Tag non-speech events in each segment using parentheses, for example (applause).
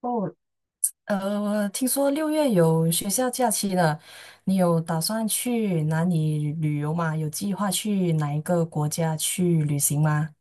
哦，听说六月有学校假期了，你有打算去哪里旅游吗？有计划去哪一个国家去旅行吗？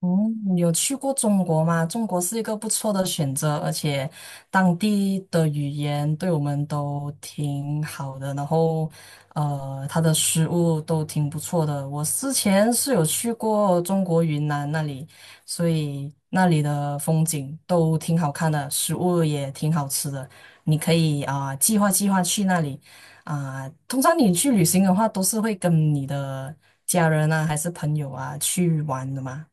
嗯，有去过中国吗？中国是一个不错的选择，而且当地的语言对我们都挺好的，然后它的食物都挺不错的。我之前是有去过中国云南那里，所以那里的风景都挺好看的，食物也挺好吃的。你可以啊、计划计划去那里啊、通常你去旅行的话，都是会跟你的家人啊，还是朋友啊去玩的嘛。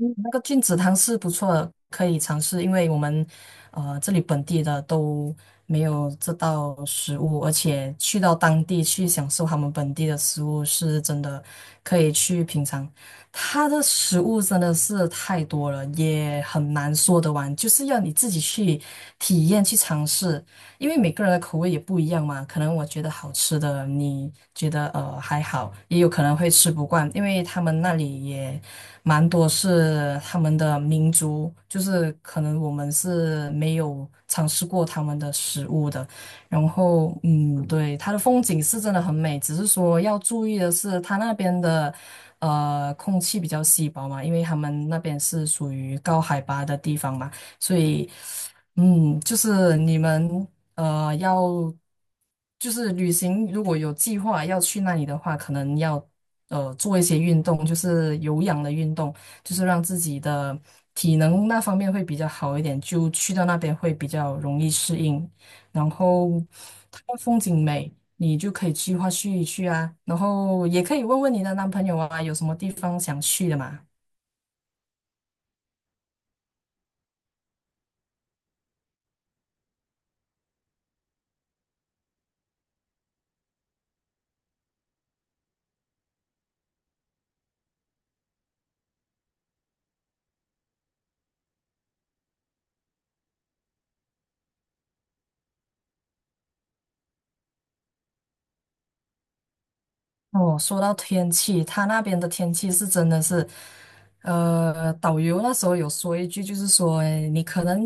那个菌子汤是不错的，可以尝试，因为我们这里本地的都没有这道食物，而且去到当地去享受他们本地的食物，是真的可以去品尝。它的食物真的是太多了，也很难说得完，就是要你自己去体验、去尝试，因为每个人的口味也不一样嘛。可能我觉得好吃的，你觉得还好，也有可能会吃不惯，因为他们那里也。蛮多是他们的民族，就是可能我们是没有尝试过他们的食物的。然后，对，它的风景是真的很美，只是说要注意的是，它那边的空气比较稀薄嘛，因为他们那边是属于高海拔的地方嘛，所以，就是你们。要就是旅行，如果有计划要去那里的话，可能要做一些运动，就是有氧的运动，就是让自己的体能那方面会比较好一点，就去到那边会比较容易适应。然后它的风景美，你就可以计划去一去啊。然后也可以问问你的男朋友啊，有什么地方想去的嘛？哦，说到天气，他那边的天气是真的是，导游那时候有说一句，就是说，诶你可能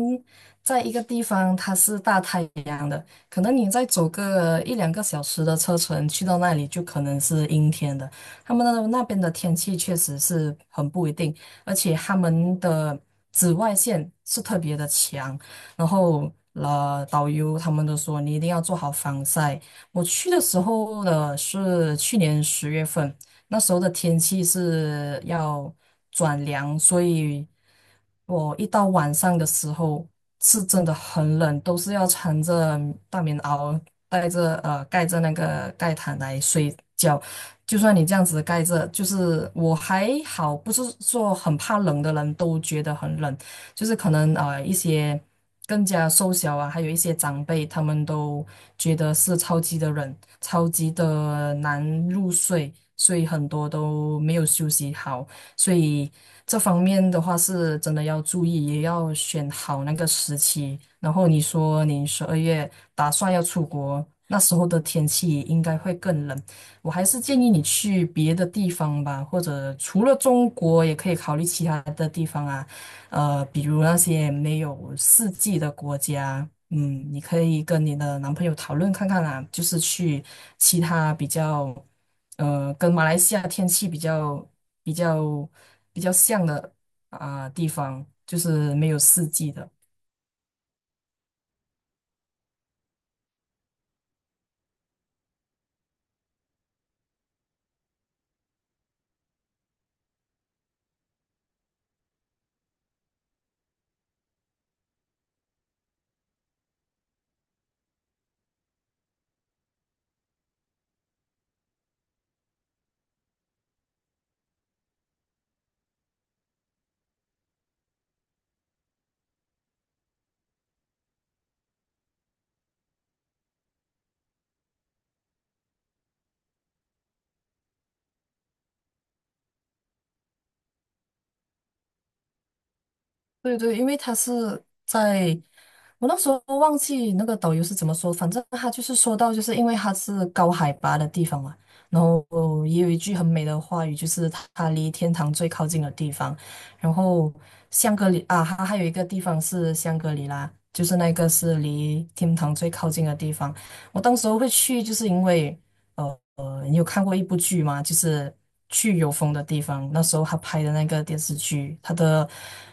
在一个地方它是大太阳的，可能你再走个一两个小时的车程去到那里，就可能是阴天的。他们那边的天气确实是很不一定，而且他们的紫外线是特别的强，然后导游他们都说你一定要做好防晒。我去的时候呢是去年十月份，那时候的天气是要转凉，所以我一到晚上的时候是真的很冷，都是要穿着大棉袄，带着盖着那个盖毯来睡觉。就算你这样子盖着，就是我还好，不是说很怕冷的人都觉得很冷。就是可能一些更加瘦小啊，还有一些长辈，他们都觉得是超级的冷，超级的难入睡，所以很多都没有休息好，所以这方面的话是真的要注意，也要选好那个时期。然后你说你十二月打算要出国，那时候的天气应该会更冷。我还是建议你去别的地方吧，或者除了中国，也可以考虑其他的地方啊，比如那些没有四季的国家，你可以跟你的男朋友讨论看看啦，就是去其他比较，跟马来西亚天气比较比较像的啊、地方，就是没有四季的。对对，因为他是在我那时候忘记那个导游是怎么说，反正他就是说到，就是因为他是高海拔的地方嘛，然后也有一句很美的话语，就是他离天堂最靠近的地方。然后香格里啊，他还有一个地方是香格里拉，就是那个是离天堂最靠近的地方。我当时候会去，就是因为。呃你有看过一部剧吗？就是去有风的地方，那时候他拍的那个电视剧，他的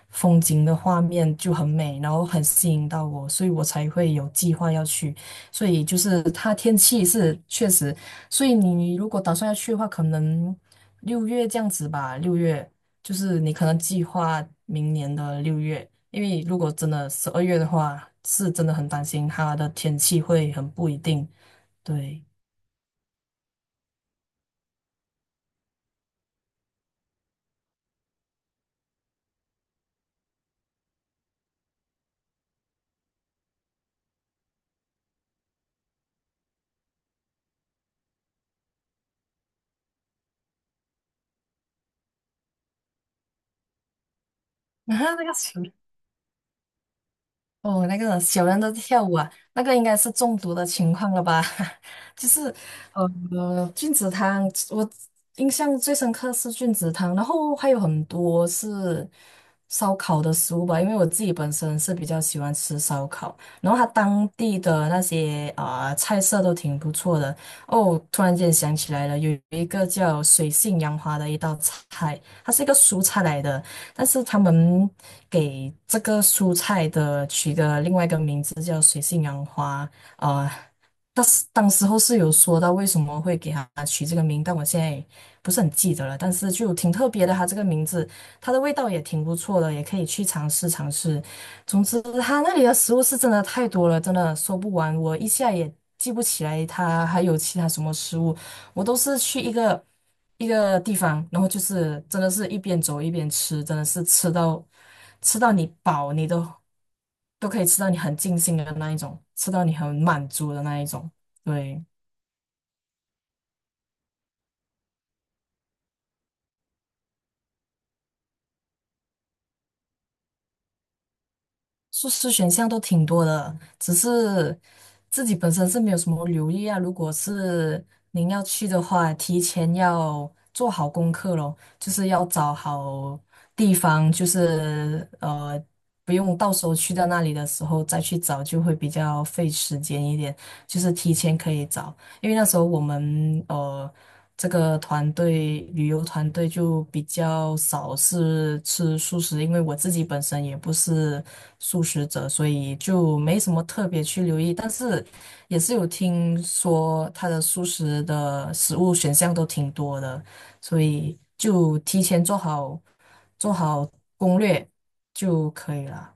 风景的画面就很美，然后很吸引到我，所以我才会有计划要去。所以就是它天气是确实，所以你如果打算要去的话，可能六月这样子吧，六月就是你可能计划明年的六月，因为如果真的十二月的话，是真的很担心它的天气会很不一定，对。(laughs) 那个哦，那个小人在跳舞啊，那个应该是中毒的情况了吧？(laughs) 就是菌子汤，我印象最深刻是菌子汤，然后还有很多是烧烤的食物吧，因为我自己本身是比较喜欢吃烧烤，然后它当地的那些啊、菜色都挺不错的。哦，突然间想起来了，有一个叫水性杨花的一道菜，它是一个蔬菜来的。但是他们给这个蔬菜的取的另外一个名字叫水性杨花，呃，当时候是有说到为什么会给它取这个名，但我现在不是很记得了，但是就挺特别的，它这个名字，它的味道也挺不错的，也可以去尝试尝试。总之，它那里的食物是真的太多了，真的说不完，我一下也记不起来它还有其他什么食物。我都是去一个一个地方，然后就是真的是一边走一边吃，真的是吃到你饱，你都可以吃到你很尽兴的那一种，吃到你很满足的那一种。对，硕士选项都挺多的，只是自己本身是没有什么留意啊。如果是您要去的话，提前要做好功课咯，就是要找好地方，就是不用到时候去到那里的时候再去找，就会比较费时间一点。就是提前可以找，因为那时候我们这个旅游团队就比较少是吃素食，因为我自己本身也不是素食者，所以就没什么特别去留意。但是也是有听说它的素食的食物选项都挺多的，所以就提前做好攻略就可以了。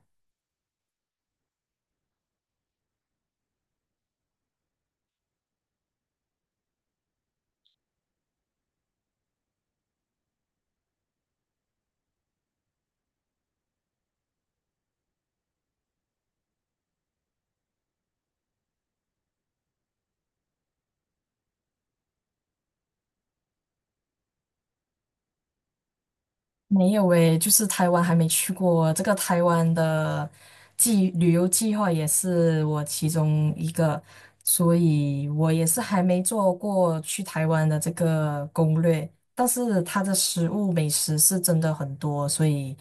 没有诶，就是台湾还没去过。这个台湾的旅游计划也是我其中一个，所以我也是还没做过去台湾的这个攻略。但是它的食物美食是真的很多，所以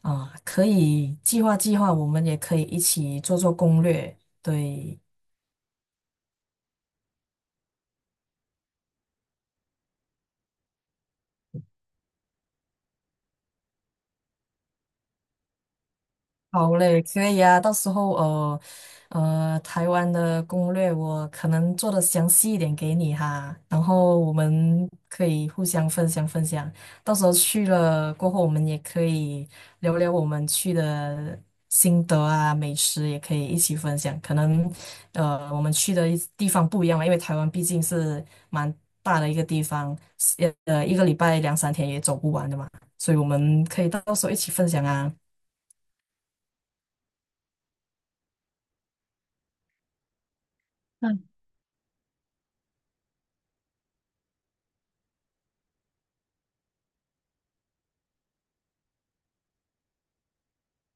啊，可以计划计划，我们也可以一起做做攻略。对。好嘞，可以啊。到时候台湾的攻略我可能做的详细一点给你哈，然后我们可以互相分享分享。到时候去了过后，我们也可以聊聊我们去的心得啊，美食也可以一起分享。可能我们去的一地方不一样嘛，因为台湾毕竟是蛮大的一个地方，一个礼拜两三天也走不完的嘛，所以我们可以到时候一起分享啊。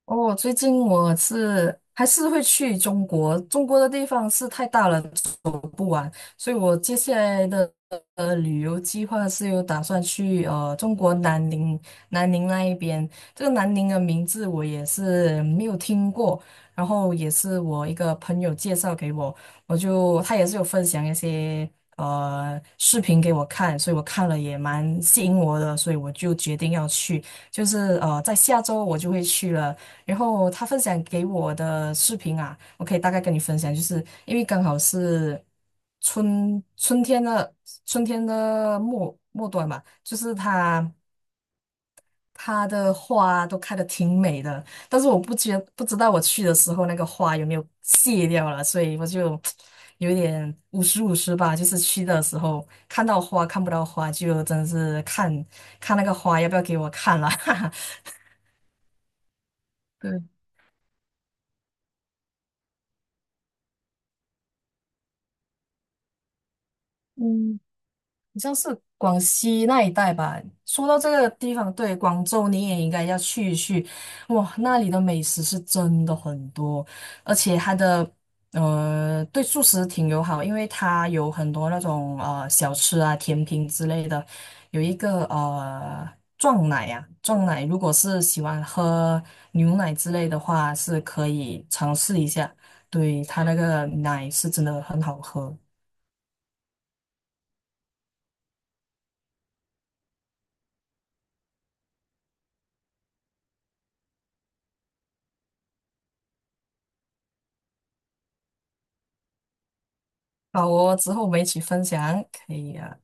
哦，最近我是还是会去中国，中国的地方是太大了，走不完，所以我接下来的旅游计划是有打算去中国南宁，南宁那一边。这个南宁的名字我也是没有听过，然后也是我一个朋友介绍给我，他也是有分享一些视频给我看，所以我看了也蛮吸引我的，所以我就决定要去。就是在下周我就会去了。然后他分享给我的视频啊，我可以大概跟你分享，就是因为刚好是春春天的春天的末端嘛，就是它的花都开的挺美的，但是我不知道我去的时候那个花有没有谢掉了，所以我就 (tsk) 有一点五十五十吧，就是去的时候看到花看不到花，就真的是看看那个花要不要给我看了，(laughs) 哈哈，对。嗯，好像是广西那一带吧。说到这个地方，对，广州你也应该要去一去。哇，那里的美食是真的很多，而且它的对素食挺友好，因为它有很多那种小吃啊、甜品之类的。有一个撞奶啊，撞奶如果是喜欢喝牛奶之类的话，是可以尝试一下。对，它那个奶是真的很好喝。好哦，之后我们一起分享，可以啊。